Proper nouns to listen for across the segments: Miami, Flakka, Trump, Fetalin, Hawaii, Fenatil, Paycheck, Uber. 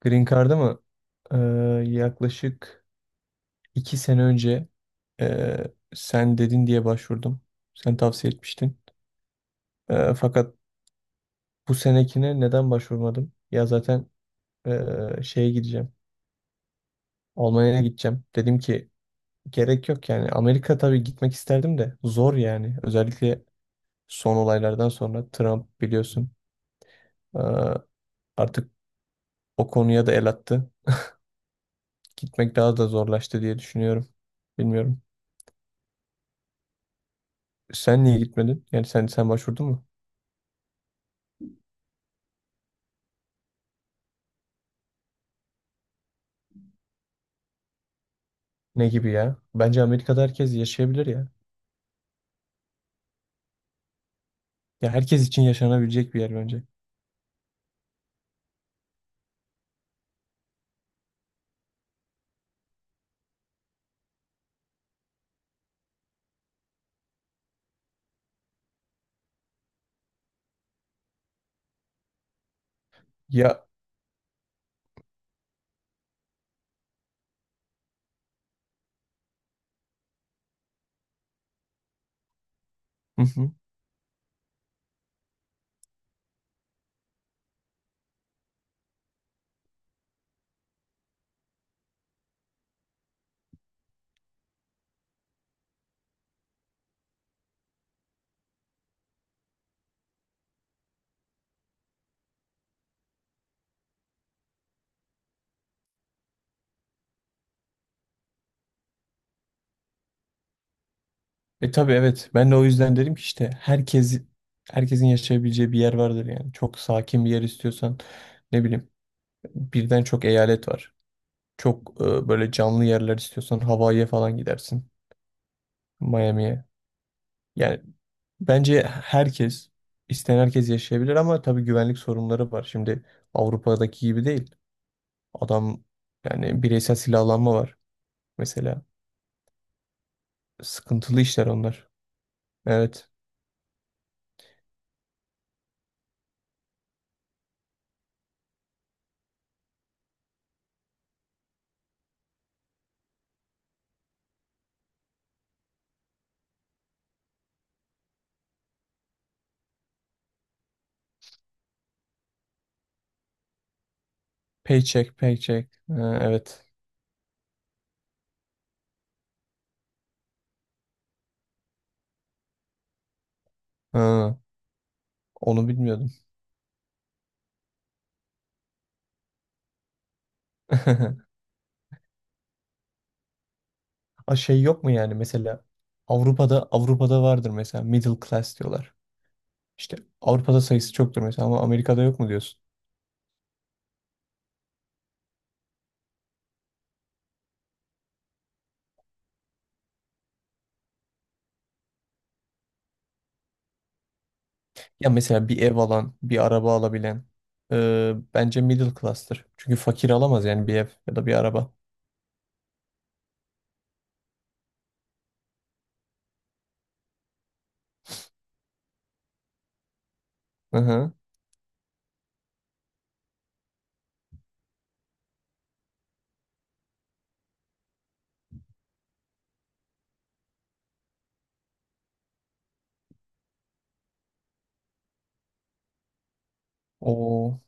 Green Card'a mı? Ee, Yaklaşık iki sene önce ee, sen dedin diye başvurdum. Sen tavsiye etmiştin. Fakat bu senekine neden başvurmadım? Ya zaten şeye gideceğim. Almanya'ya gideceğim. Dedim ki gerek yok yani. Amerika tabii gitmek isterdim de zor yani. Özellikle son olaylardan sonra Trump biliyorsun, ee, artık o konuya da el attı. Gitmek daha da zorlaştı diye düşünüyorum. Bilmiyorum. Sen niye gitmedin? Yani sen başvurdun mu? Ne gibi ya? Bence Amerika'da herkes yaşayabilir ya. Ya herkes için yaşanabilecek bir yer bence. Ya hı hı. E tabii, evet. Ben de o yüzden dedim ki işte herkes, herkesin yaşayabileceği bir yer vardır yani. Çok sakin bir yer istiyorsan ne bileyim, birden çok eyalet var. Çok böyle canlı yerler istiyorsan Hawaii'ye falan gidersin. Miami'ye. Yani bence herkes, isteyen herkes yaşayabilir, ama tabii güvenlik sorunları var. Şimdi Avrupa'daki gibi değil. Adam, yani bireysel silahlanma var mesela. Sıkıntılı işler onlar. Evet. Paycheck, paycheck. Ha, evet. Ha, onu bilmiyordum. A şey yok mu yani mesela Avrupa'da vardır mesela middle class diyorlar. İşte Avrupa'da sayısı çoktur mesela ama Amerika'da yok mu diyorsun? Ya mesela bir ev alan, bir araba alabilen bence middle class'tır. Çünkü fakir alamaz yani bir ev ya da bir araba. Hı hı. O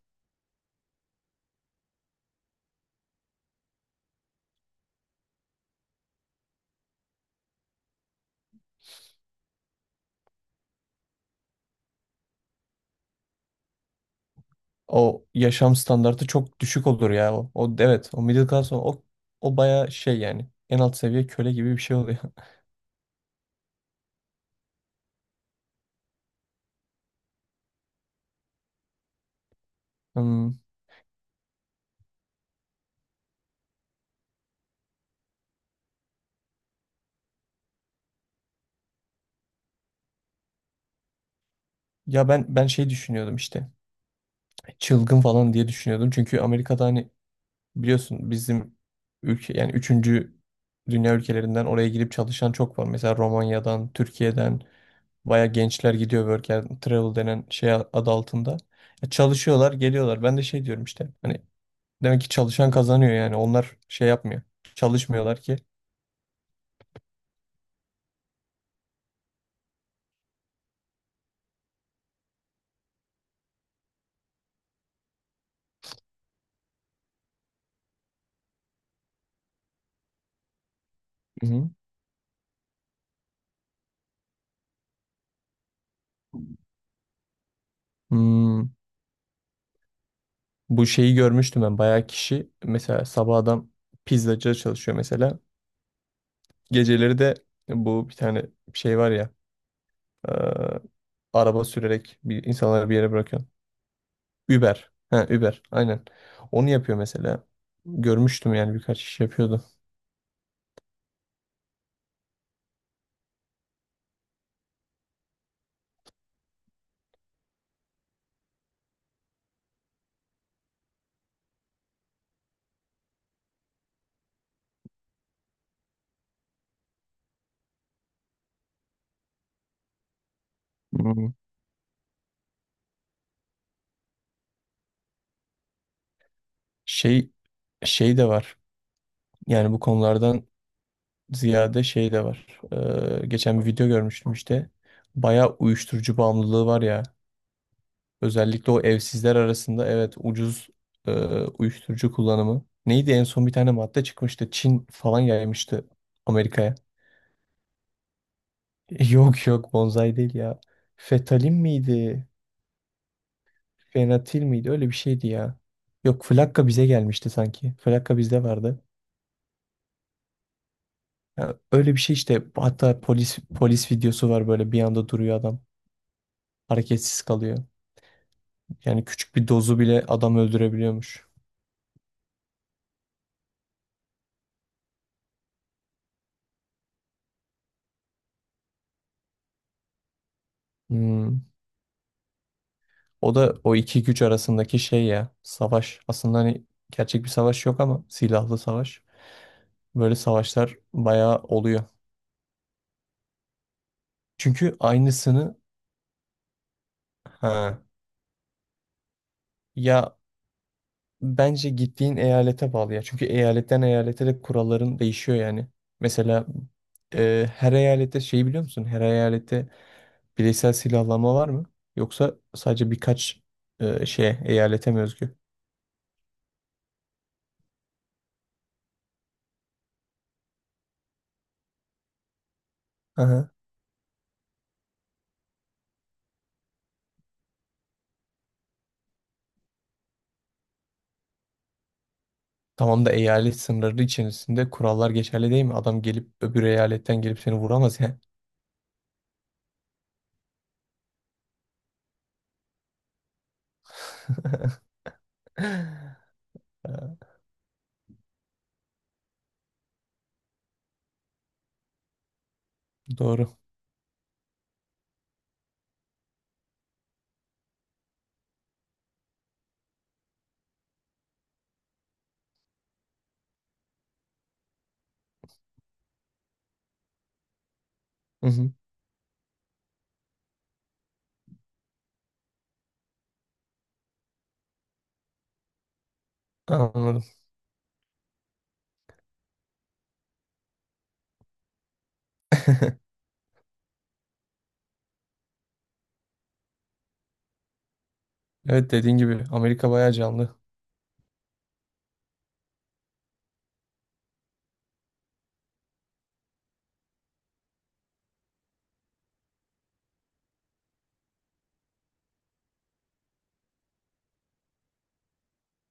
o yaşam standartı çok düşük olur ya. O evet o middle class o baya şey yani en alt seviye köle gibi bir şey oluyor. Hmm. Ya ben şey düşünüyordum işte. Çılgın falan diye düşünüyordum. Çünkü Amerika'da hani biliyorsun bizim ülke yani üçüncü dünya ülkelerinden oraya girip çalışan çok var. Mesela Romanya'dan, Türkiye'den baya gençler gidiyor work and travel denen şey adı altında. E, çalışıyorlar, geliyorlar. Ben de şey diyorum işte. Hani demek ki çalışan kazanıyor yani. Onlar şey yapmıyor. Çalışmıyorlar ki. Hı hı. Hmm, bu şeyi görmüştüm ben. Bayağı kişi mesela sabah adam pizzacıda çalışıyor mesela. Geceleri de bu bir tane şey var ya. e, Araba sürerek bir insanları bir yere bırakıyor. Uber. Ha, Uber. Aynen. Onu yapıyor mesela. Görmüştüm yani birkaç kişi yapıyordu. Şey, şey de var. Yani bu konulardan ziyade şey de var. Geçen bir video görmüştüm işte. Bayağı uyuşturucu bağımlılığı var ya. Özellikle o evsizler arasında, evet, ucuz e, uyuşturucu kullanımı. Neydi en son bir tane madde çıkmıştı. Çin falan yaymıştı Amerika'ya. Yok yok, bonsai değil ya. Fetalin miydi? Fenatil miydi? Öyle bir şeydi ya. Yok, Flakka bize gelmişti sanki. Flakka bizde vardı. Ya öyle bir şey işte, hatta polis videosu var, böyle bir anda duruyor adam. Hareketsiz kalıyor. Yani küçük bir dozu bile adam öldürebiliyormuş. Hmm. O da o iki güç arasındaki şey ya, savaş. Aslında hani gerçek bir savaş yok ama silahlı savaş. Böyle savaşlar bayağı oluyor. Çünkü aynısını, ha, ya bence gittiğin eyalete bağlı ya. Çünkü eyaletten eyalete de kuralların değişiyor yani. Mesela her eyalette şey biliyor musun? Her eyalette bireysel silahlanma var mı? Yoksa sadece birkaç şeye, eyalete mi özgü? Aha. Tamam da eyalet sınırları içerisinde kurallar geçerli değil mi? Adam gelip öbür eyaletten gelip seni vuramaz ya. Ee, Doğru. Hı hı. Anladım. Evet, dediğin gibi Amerika bayağı canlı.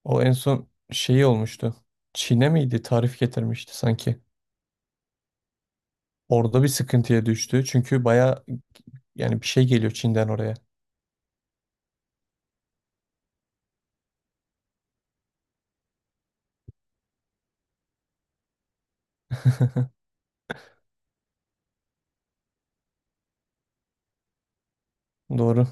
O en son şeyi olmuştu. Çin'e miydi? Tarif getirmişti sanki. Orada bir sıkıntıya düştü. Çünkü bayağı yani bir şey geliyor Çin'den oraya. Doğru.